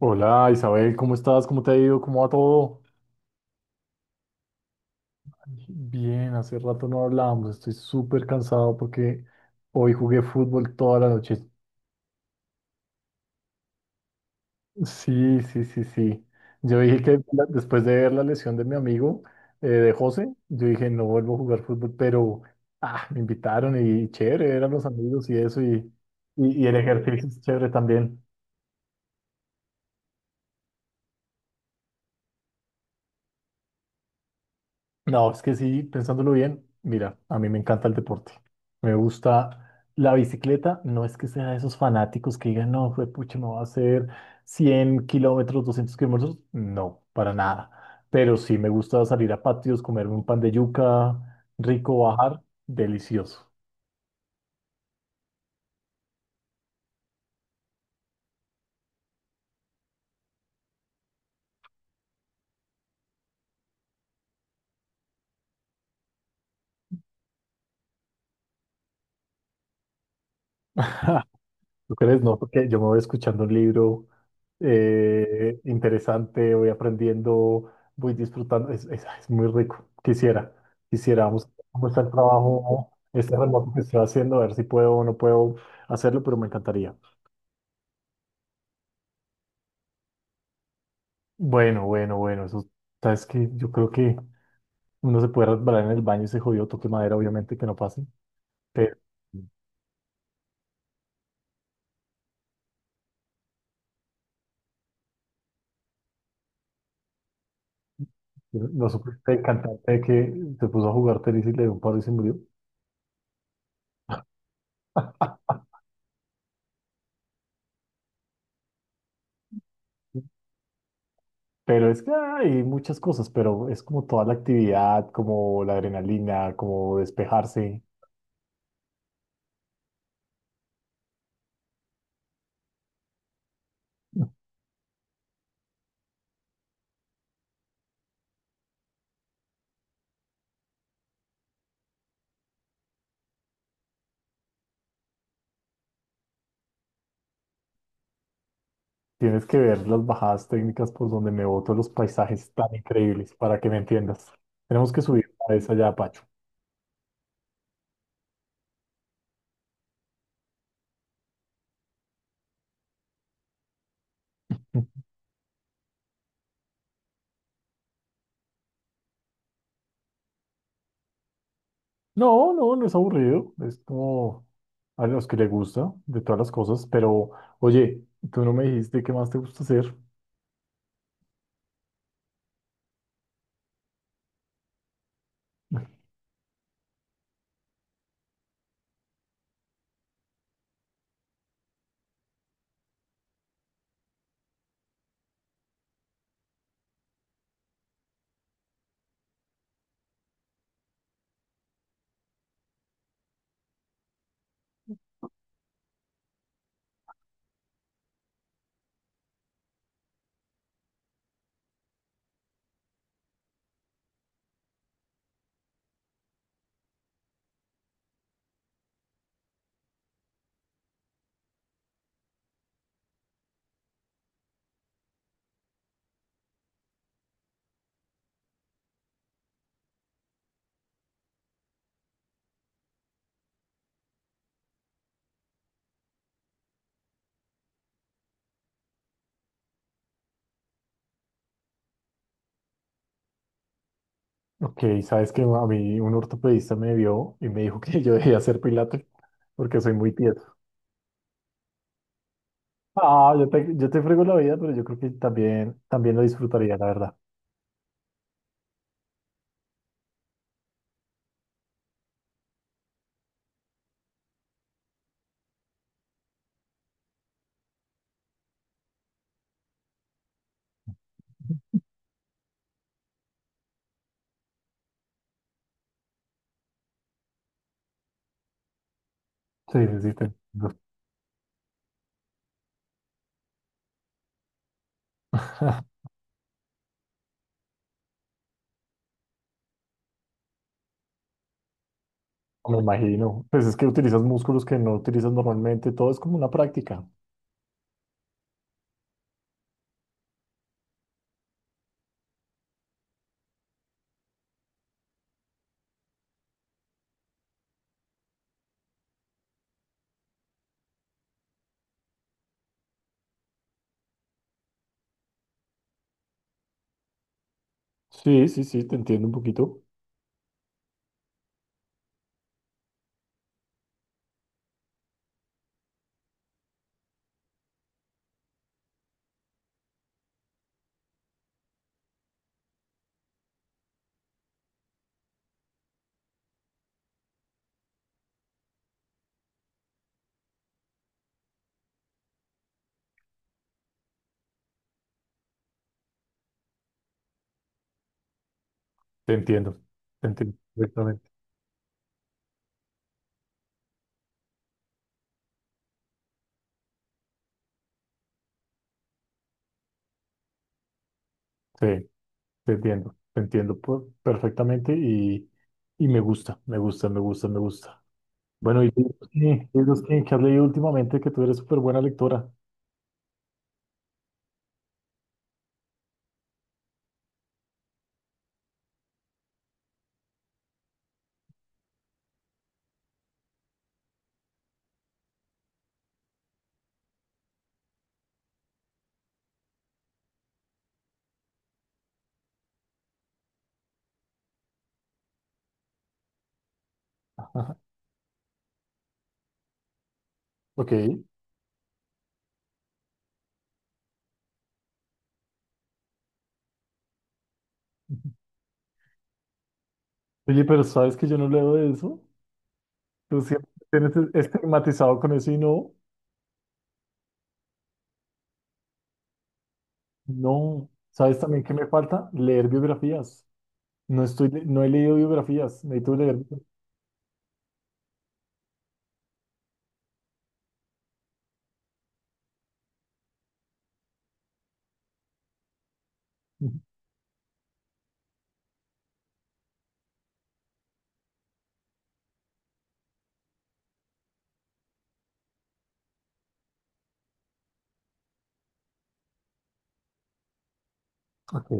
Hola, Isabel, ¿cómo estás? ¿Cómo te ha ido? ¿Cómo va todo? Bien, hace rato no hablábamos, estoy súper cansado porque hoy jugué fútbol toda la noche. Sí, sí, sí, sí. Yo dije después de ver la lesión de mi amigo, de José, yo dije no vuelvo a jugar fútbol, pero ah, me invitaron y chévere, eran los amigos y eso, y el ejercicio es chévere también. No, es que sí, pensándolo bien, mira, a mí me encanta el deporte. Me gusta la bicicleta. No es que sea de esos fanáticos que digan, no, pucha, no va a hacer 100 km, 200 km. No, para nada. Pero sí me gusta salir a patios, comerme un pan de yuca, rico, bajar, delicioso. ¿Tú crees? No, porque yo me voy escuchando un libro interesante, voy aprendiendo, voy disfrutando. Es muy rico. Quisiera. Vamos, cómo está el trabajo, este remoto que estoy haciendo, a ver si puedo o no puedo hacerlo, pero me encantaría. Bueno, bueno, bueno. Eso, sabes que yo creo que uno se puede resbalar en el baño y se jodió, toque madera, obviamente que no pase. Pero no supiste el cantante que se puso a jugar tenis y le dio un paro y se murió. Pero es que hay muchas cosas, pero es como toda la actividad, como la adrenalina, como despejarse. Tienes que ver las bajadas técnicas por donde me boto los paisajes tan increíbles para que me entiendas. Tenemos que subir a esa allá, Pacho. No, no, no es aburrido. Es como a los que les gusta de todas las cosas. Pero, oye, tú no me dijiste qué más te gusta hacer. Ok, sabes que a mí un ortopedista me vio y me dijo que yo debía hacer pilates porque soy muy tieso. Ah, yo te frego la vida, pero yo creo que también, también lo disfrutaría, la verdad. Sí, sí, sí, te entiendo. Me imagino. Pues es que utilizas músculos que no utilizas normalmente. Todo es como una práctica. Sí, sí, sí, te entiendo un poquito. Te entiendo. Te entiendo perfectamente. Sí, te entiendo. Perfectamente y me gusta, me gusta, me gusta, me gusta. Bueno, y libros que has leído últimamente, que tú eres súper buena lectora. Ok. Oye, pero ¿sabes que yo no leo de eso? Tú siempre tienes estigmatizado con eso y no, no. ¿Sabes también qué me falta? Leer biografías. No he leído biografías, necesito leer. Ok.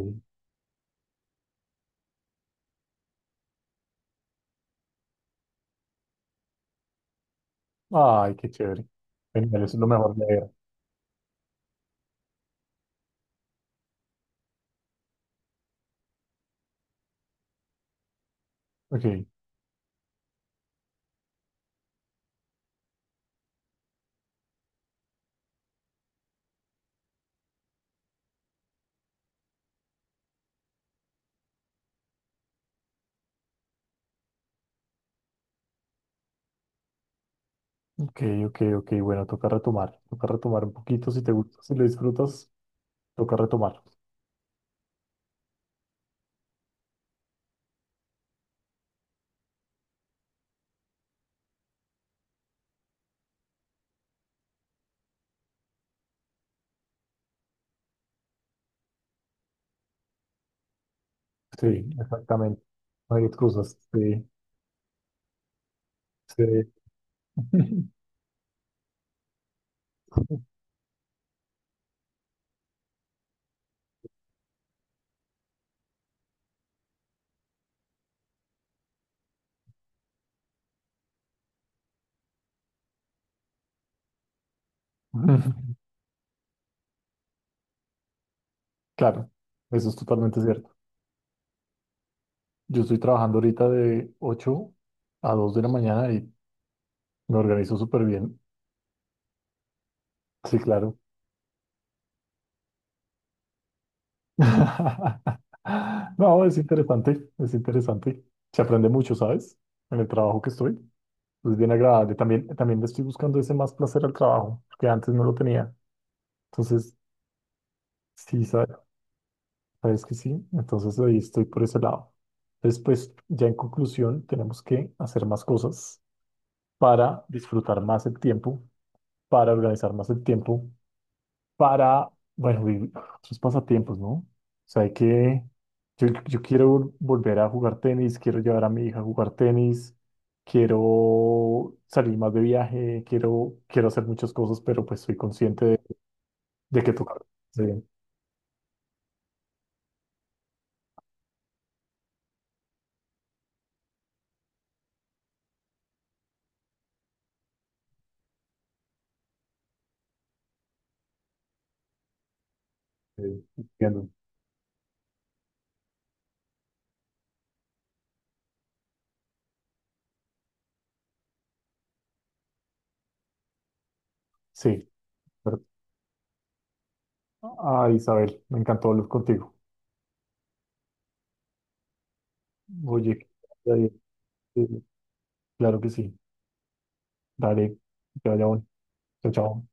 Ay, qué chévere. Genial, eso es lo mejor leer. Ok, ok, ok, ok. Bueno, toca retomar. Toca retomar un poquito si te gusta, si lo disfrutas, toca retomar. Sí, exactamente. No hay excusas. Sí, sí. Claro, eso es totalmente cierto. Yo estoy trabajando ahorita de 8 a 2 de la mañana y me organizo súper bien. Sí, claro. No, es interesante, es interesante. Se aprende mucho, ¿sabes? En el trabajo que estoy. Es bien agradable. También, también le estoy buscando ese más placer al trabajo, que antes no lo tenía. Entonces, sí, sabes que sí. Entonces ahí estoy por ese lado. Después, ya en conclusión, tenemos que hacer más cosas para disfrutar más el tiempo, para organizar más el tiempo para, bueno, vivir otros pasatiempos, ¿no? O sea, hay que, yo, volver a jugar tenis, quiero llevar a mi hija a jugar tenis, quiero salir más de viaje, quiero, quiero hacer muchas cosas, pero pues soy consciente de que tocar. Sí, sí, entiendo. Sí, pero- ah, Isabel, me encantó hablar contigo. Oye, eh, eh, claro que sí. Dale, que te vaya bueno. Chao, chao.